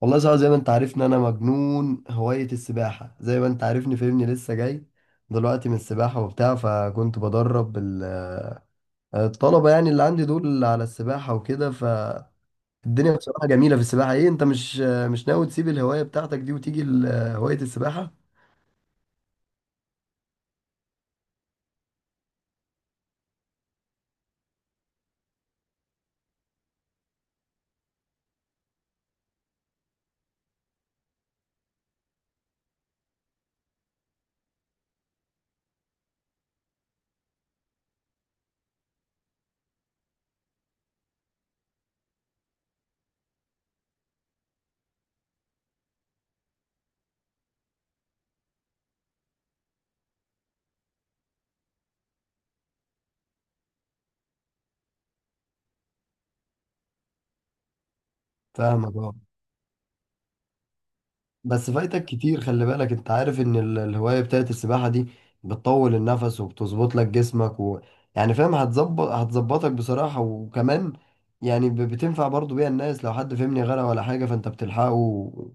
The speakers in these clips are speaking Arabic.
والله صعب زي ما انت عارفني انا مجنون هواية السباحة زي ما انت عارفني فاهمني لسه جاي دلوقتي من السباحة وبتاع فكنت بدرب الطلبة يعني اللي عندي دول على السباحة وكده فالدنيا بصراحة جميلة في السباحة. ايه انت مش مش ناوي تسيب الهواية بتاعتك دي وتيجي هواية السباحة؟ فاهمك اه. بس فايتك كتير، خلي بالك انت عارف ان الهواية بتاعت السباحة دي بتطول النفس وبتظبط لك جسمك، و... يعني فاهم هتظبط، هتظبطك بصراحة. وكمان يعني بتنفع برضو بيها الناس، لو حد فهمني غرق ولا حاجة فانت بتلحقه، و...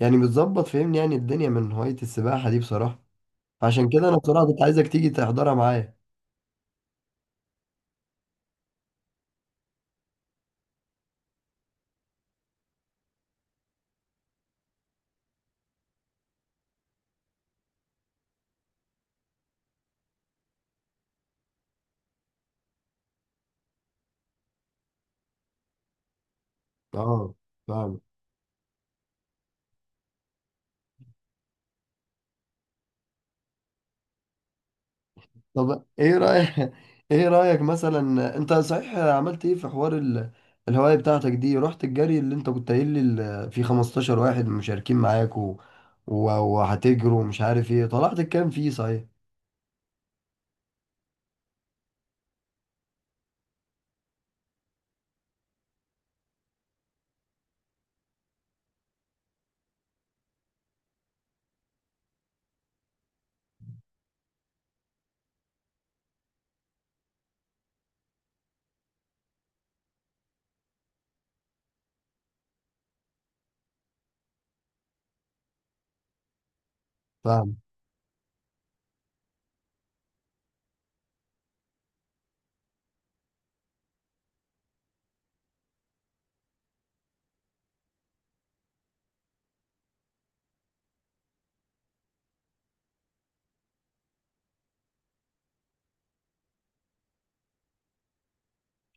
يعني بتظبط فهمني يعني الدنيا من هواية السباحة دي بصراحة. فعشان كده انا بصراحة كنت عايزك تيجي تحضرها معايا. اه فاهم. طب ايه رأيك ايه رأيك مثلا، انت صحيح عملت ايه في حوار الهواية بتاعتك دي؟ رحت الجري اللي انت كنت قايل لي في 15 واحد مشاركين معاك وهتجروا ومش عارف ايه، طلعت الكام فيه صحيح؟ فاهم.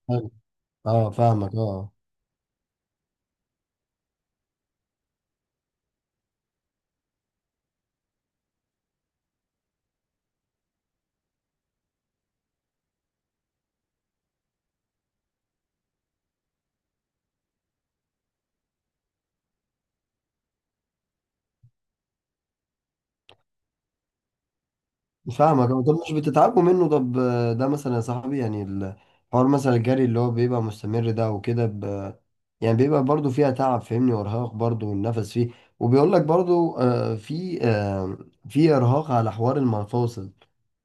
حلو. اه فاهمك اه. فاهمك أه. طب مش بتتعبوا منه؟ طب ده مثلا يا صاحبي، يعني الحوار مثلا الجري اللي هو بيبقى مستمر ده وكده يعني بيبقى برضو فيها تعب فاهمني، وارهاق برضو والنفس فيه. وبيقول لك برضو في ارهاق على حوار المفاصل،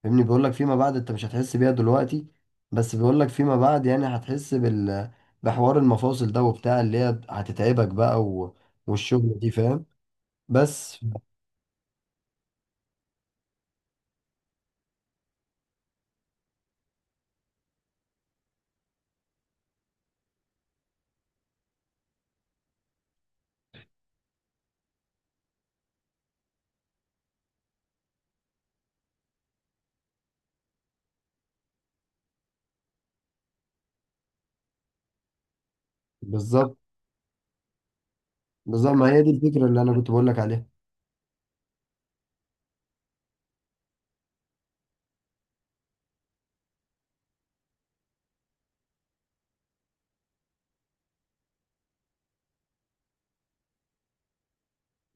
فاهمني. بيقول لك فيما بعد انت مش هتحس بيها دلوقتي، بس بيقول لك فيما بعد يعني هتحس بال، بحوار المفاصل ده وبتاع اللي هي هتتعبك بقى، و... والشغل دي فاهم. بس بالظبط، بالظبط، ما هي دي الفكرة اللي انا كنت بقول لك عليها.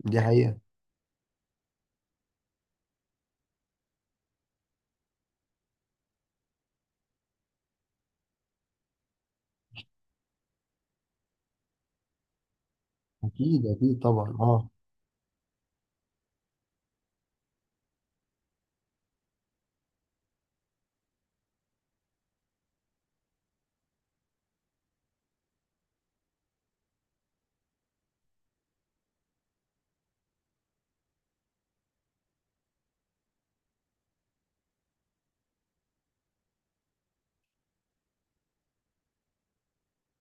دي حقيقة. اكيد اكيد طبعا اه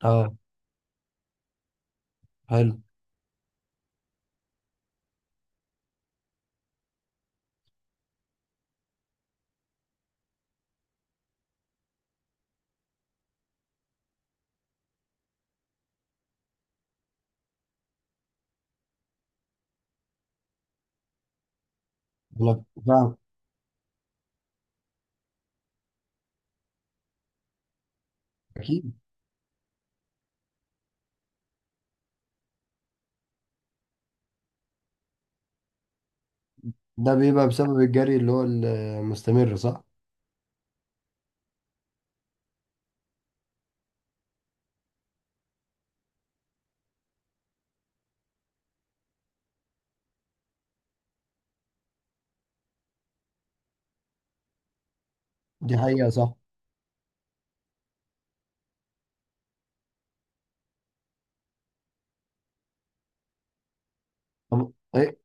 اه. حلو. والله فعلا. اكيد. ده بيبقى بسبب الجري اللي هو المستمر، صح؟ دي حقيقة صح. طب إيه؟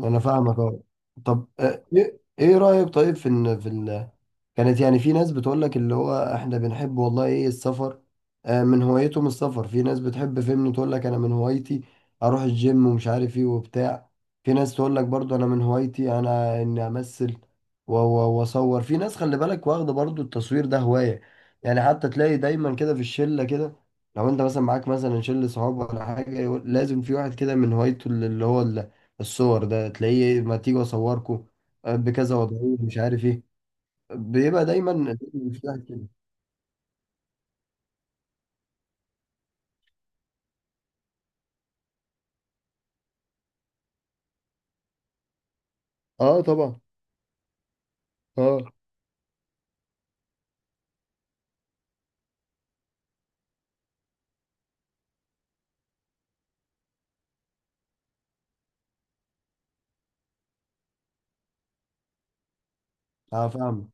انا فاهمك اه. طب آه، ايه إيه رايك طيب في ان في كانت يعني في ناس بتقول لك اللي هو احنا بنحب والله ايه السفر، من هوايتهم السفر. في ناس بتحب فهمني تقول لك انا من هوايتي اروح الجيم ومش عارف ايه وبتاع. في ناس تقول لك برضو انا من هوايتي انا اني امثل واصور. في ناس خلي بالك واخده برضو التصوير ده هواية، يعني حتى تلاقي دايما كده في الشلة كده، لو انت مثلا معاك مثلا شلة صحاب ولا حاجة يقول، لازم في واحد كده من هوايته اللي هو الصور ده، تلاقيه ما تيجي اصوركم بكذا وضعية مش عارف ايه، بيبقى دايما. مش واحد كده. اه طبعا. اه اه فاهم.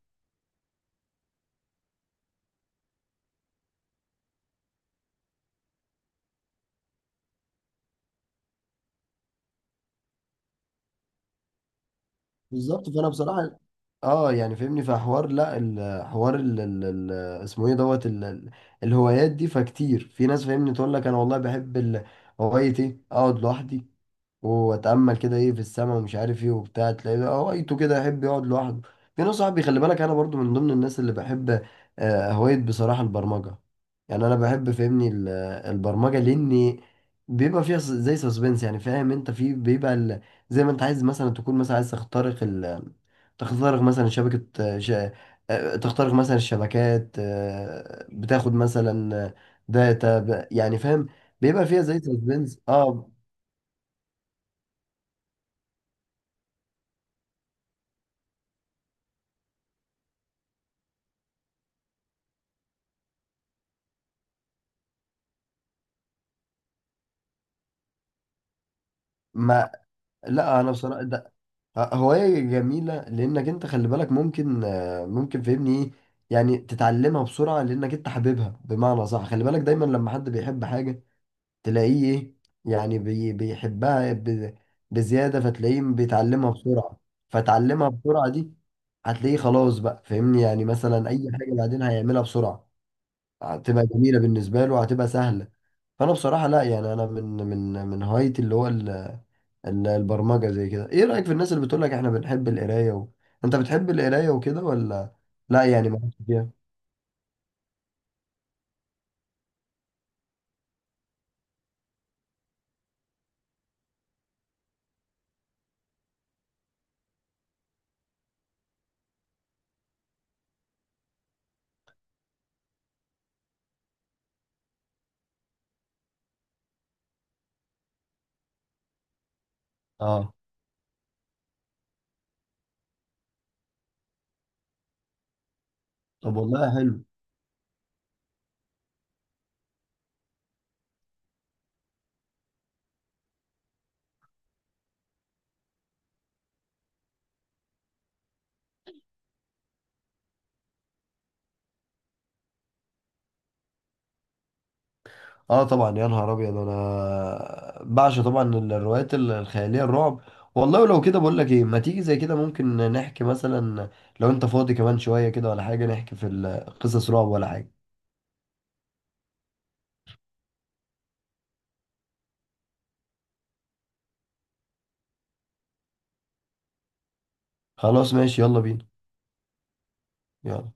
بالظبط. فانا بصراحه اه يعني فهمني في حوار لا، الحوار ال ال ال اسمه ايه دوت ال ال الهوايات دي، فكتير في ناس فاهمني تقول لك انا والله بحب هوايه ايه اقعد لوحدي واتامل كده ايه في السماء ومش عارف ايه وبتاع، تلاقيه بقى هوايته كده يحب يقعد لوحده. في ناس صاحبي خلي بالك انا برضو من ضمن الناس اللي بحب هوايه بصراحه البرمجه. يعني انا بحب فهمني البرمجه، لاني بيبقى فيها زي سسبنس يعني فاهم، انت في بيبقى زي ما انت عايز مثلا تكون مثلا عايز تخترق ال، تخترق مثلا شبكة آه، ش... آه، تخترق مثلا الشبكات، بتاخد مثلا داتا يعني فاهم، بيبقى فيها زي سسبنس اه. ما لا انا بصراحه ده هوايه جميله، لانك انت خلي بالك ممكن ممكن فاهمني ايه، يعني تتعلمها بسرعه، لانك انت حاببها. بمعنى صح، خلي بالك دايما لما حد بيحب حاجه تلاقيه ايه، يعني بيحبها بزياده، فتلاقيه بيتعلمها بسرعه. فتعلمها بسرعه دي هتلاقيه خلاص بقى فاهمني، يعني مثلا اي حاجه بعدين هيعملها بسرعه، هتبقى جميله بالنسبه له، هتبقى سهله. فانا بصراحه لا، يعني انا من هوايتي اللي هو البرمجة زي كده. ايه رأيك في الناس اللي بتقول لك احنا بنحب القراية، و... انت بتحب القراية وكده ولا لا، يعني ما فيها؟ اه طب والله حلو. اه طبعا يا نهار ابيض انا بعشق طبعا الروايات الخيالية الرعب. والله ولو كده، بقول لك ايه، ما تيجي زي كده ممكن نحكي مثلا، لو انت فاضي كمان شوية كده ولا حاجة، نحكي في قصص رعب ولا حاجة. خلاص ماشي، يلا بينا. يلا.